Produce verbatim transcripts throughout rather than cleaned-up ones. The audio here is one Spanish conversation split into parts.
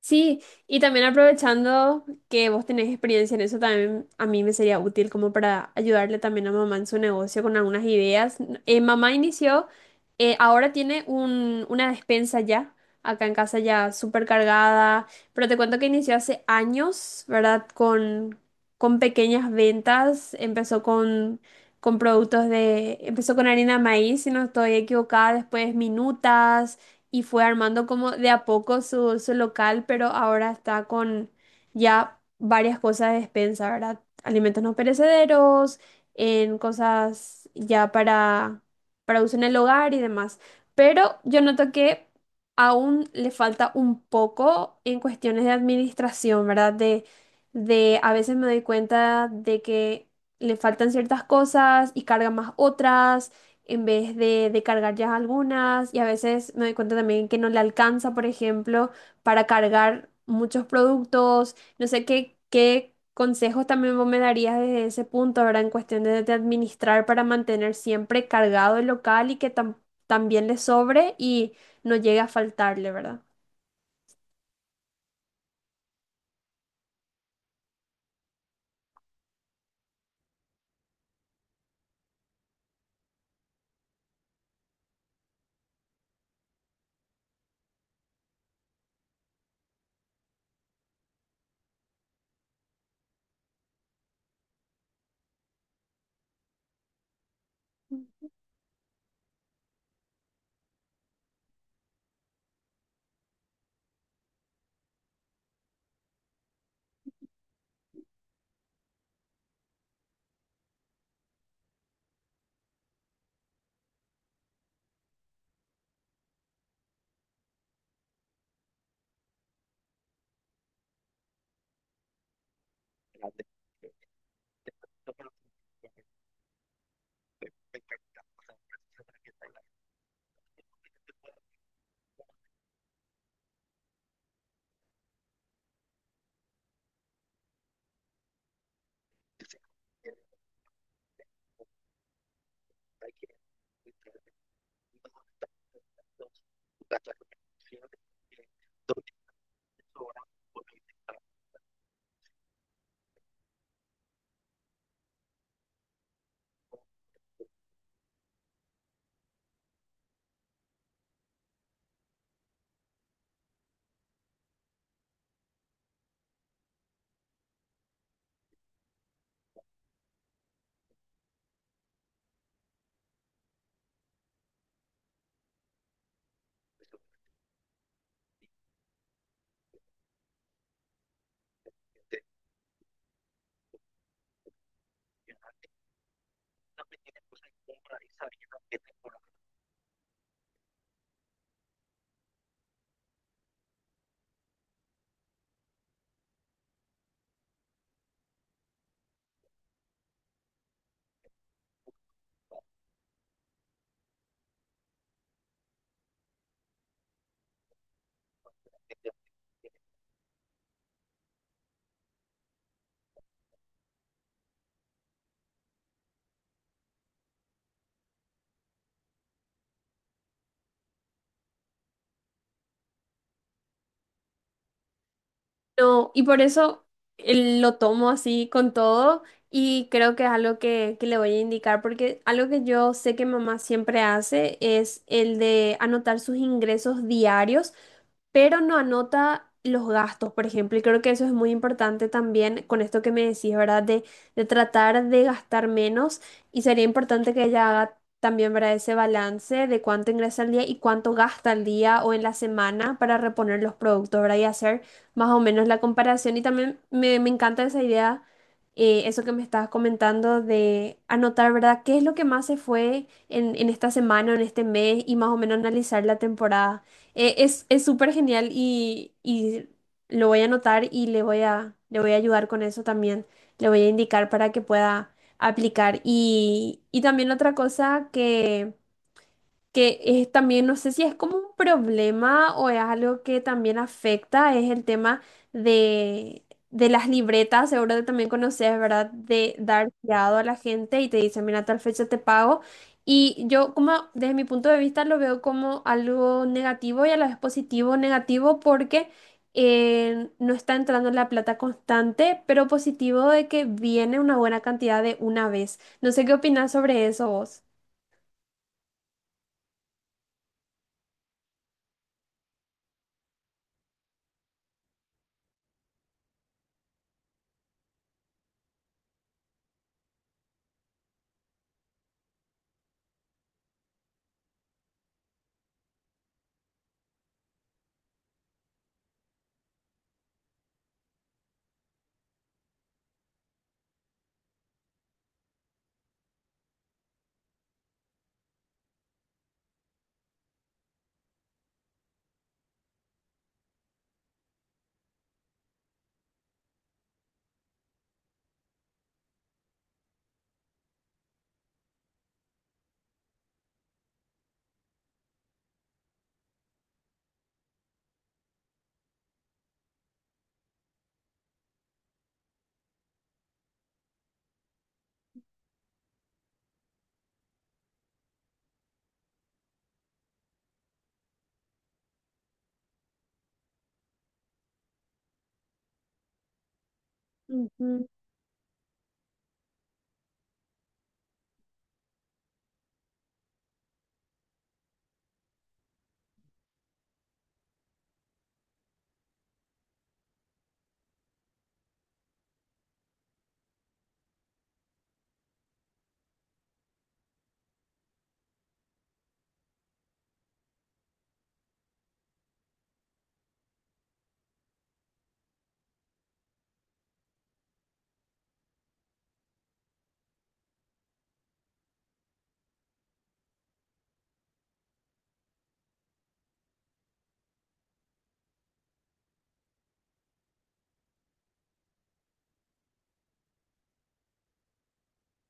Sí, y también aprovechando que vos tenés experiencia en eso, también a mí me sería útil como para ayudarle también a mamá en su negocio con algunas ideas. Eh, mamá inició, eh, ahora tiene un, una despensa ya, acá en casa ya súper cargada, pero te cuento que inició hace años, ¿verdad? Con, con pequeñas ventas, empezó con, con productos de, empezó con harina de maíz, si no estoy equivocada, después minutas y fue armando como de a poco su, su local, pero ahora está con ya varias cosas de despensa, ¿verdad? Alimentos no perecederos, en cosas ya para, para uso en el hogar y demás. Pero yo noto que aún le falta un poco en cuestiones de administración, ¿verdad? De, de a veces me doy cuenta de que le faltan ciertas cosas y carga más otras en vez de, de cargar ya algunas y a veces me doy cuenta también que no le alcanza, por ejemplo, para cargar muchos productos. No sé qué, qué consejos también vos me darías desde ese punto, verdad. En cuestión de, de administrar para mantener siempre cargado el local y que tam- también le sobre y no llegue a faltarle, ¿verdad? No, y por eso eh, lo tomo así con todo y creo que es algo que, que le voy a indicar, porque algo que yo sé que mamá siempre hace es el de anotar sus ingresos diarios, pero no anota los gastos, por ejemplo, y creo que eso es muy importante también con esto que me decís, ¿verdad? De, de tratar de gastar menos y sería importante que ella haga también, ¿verdad? Ese balance de cuánto ingresa al día y cuánto gasta al día o en la semana para reponer los productos, ¿verdad? Y hacer más o menos la comparación y también me, me encanta esa idea, eh, eso que me estabas comentando de anotar, ¿verdad? ¿Qué es lo que más se fue en, en esta semana, en este mes y más o menos analizar la temporada? Eh, es, es súper genial y, y lo voy a anotar y le voy a, le voy a ayudar con eso también, le voy a indicar para que pueda aplicar. Y, y también otra cosa que que es también, no sé si es como un problema o es algo que también afecta, es el tema de, de las libretas, seguro que también conoces, ¿verdad? De dar fiado a la gente y te dicen, mira, tal fecha te pago. Y yo como desde mi punto de vista lo veo como algo negativo y a la vez positivo, negativo porque eh, no está entrando la plata constante, pero positivo de que viene una buena cantidad de una vez. No sé qué opinas sobre eso vos. Ujú.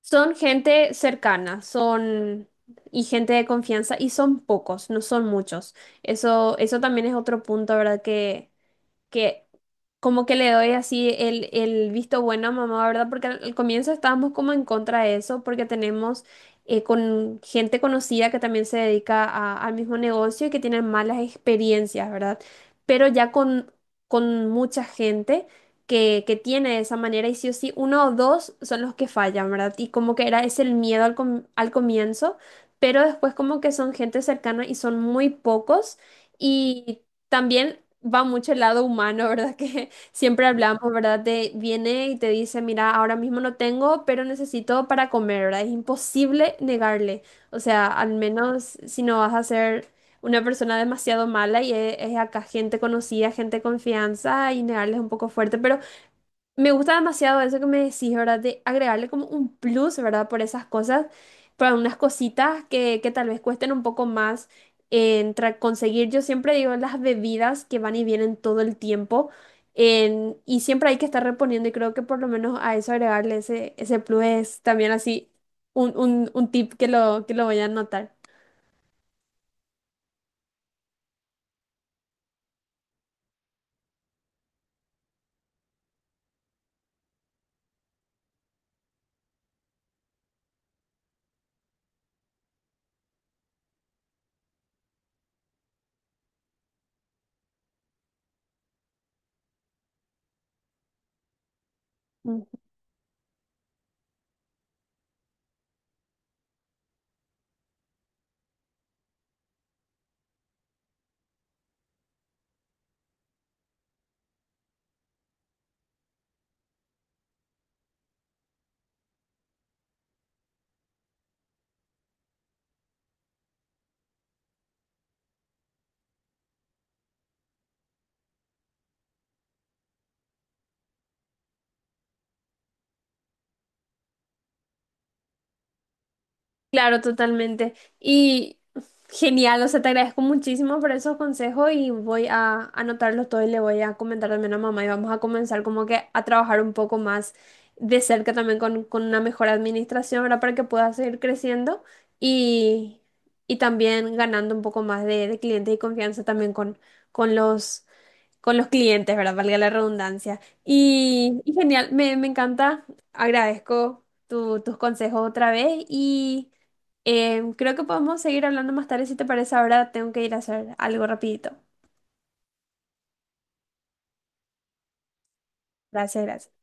Son gente cercana, son y gente de confianza y son pocos, no son muchos. Eso, eso también es otro punto, ¿verdad? Que que como que le doy así el, el visto bueno a mamá, ¿verdad? Porque al, al comienzo estábamos como en contra de eso, porque tenemos eh, con gente conocida que también se dedica a- al mismo negocio y que tienen malas experiencias, ¿verdad? Pero ya con, con mucha gente. Que, que tiene de esa manera y sí o sí uno o dos son los que fallan, ¿verdad? Y como que era ese el miedo al, com- al comienzo, pero después como que son gente cercana y son muy pocos. Y también va mucho el lado humano, ¿verdad? Que siempre hablamos, ¿verdad? Te viene y te dice, mira, ahora mismo no tengo, pero necesito para comer, ¿verdad? Es imposible negarle. O sea, al menos si no vas a ser una persona demasiado mala y es, es acá gente conocida, gente de confianza y negarle es un poco fuerte, pero me gusta demasiado eso que me decís, ¿verdad? De agregarle como un plus, ¿verdad? Por esas cosas, por unas cositas que, que tal vez cuesten un poco más en tra- conseguir. Yo siempre digo las bebidas que van y vienen todo el tiempo en- y siempre hay que estar reponiendo y creo que por lo menos a eso agregarle ese, ese plus es también así un, un, un tip que lo, que lo voy a anotar. Mm. Claro, totalmente. Y genial, o sea, te agradezco muchísimo por esos consejos y voy a anotarlos todos y le voy a comentar también a mamá y vamos a comenzar como que a trabajar un poco más de cerca también con, con una mejor administración, ¿verdad? Para que pueda seguir creciendo y, y también ganando un poco más de, de clientes y confianza también con, con los con los clientes, ¿verdad? Valga la redundancia. Y, y genial, me, me encanta, agradezco tu- tus consejos otra vez y eh, creo que podemos seguir hablando más tarde si te parece. Ahora tengo que ir a hacer algo rapidito. Gracias, gracias.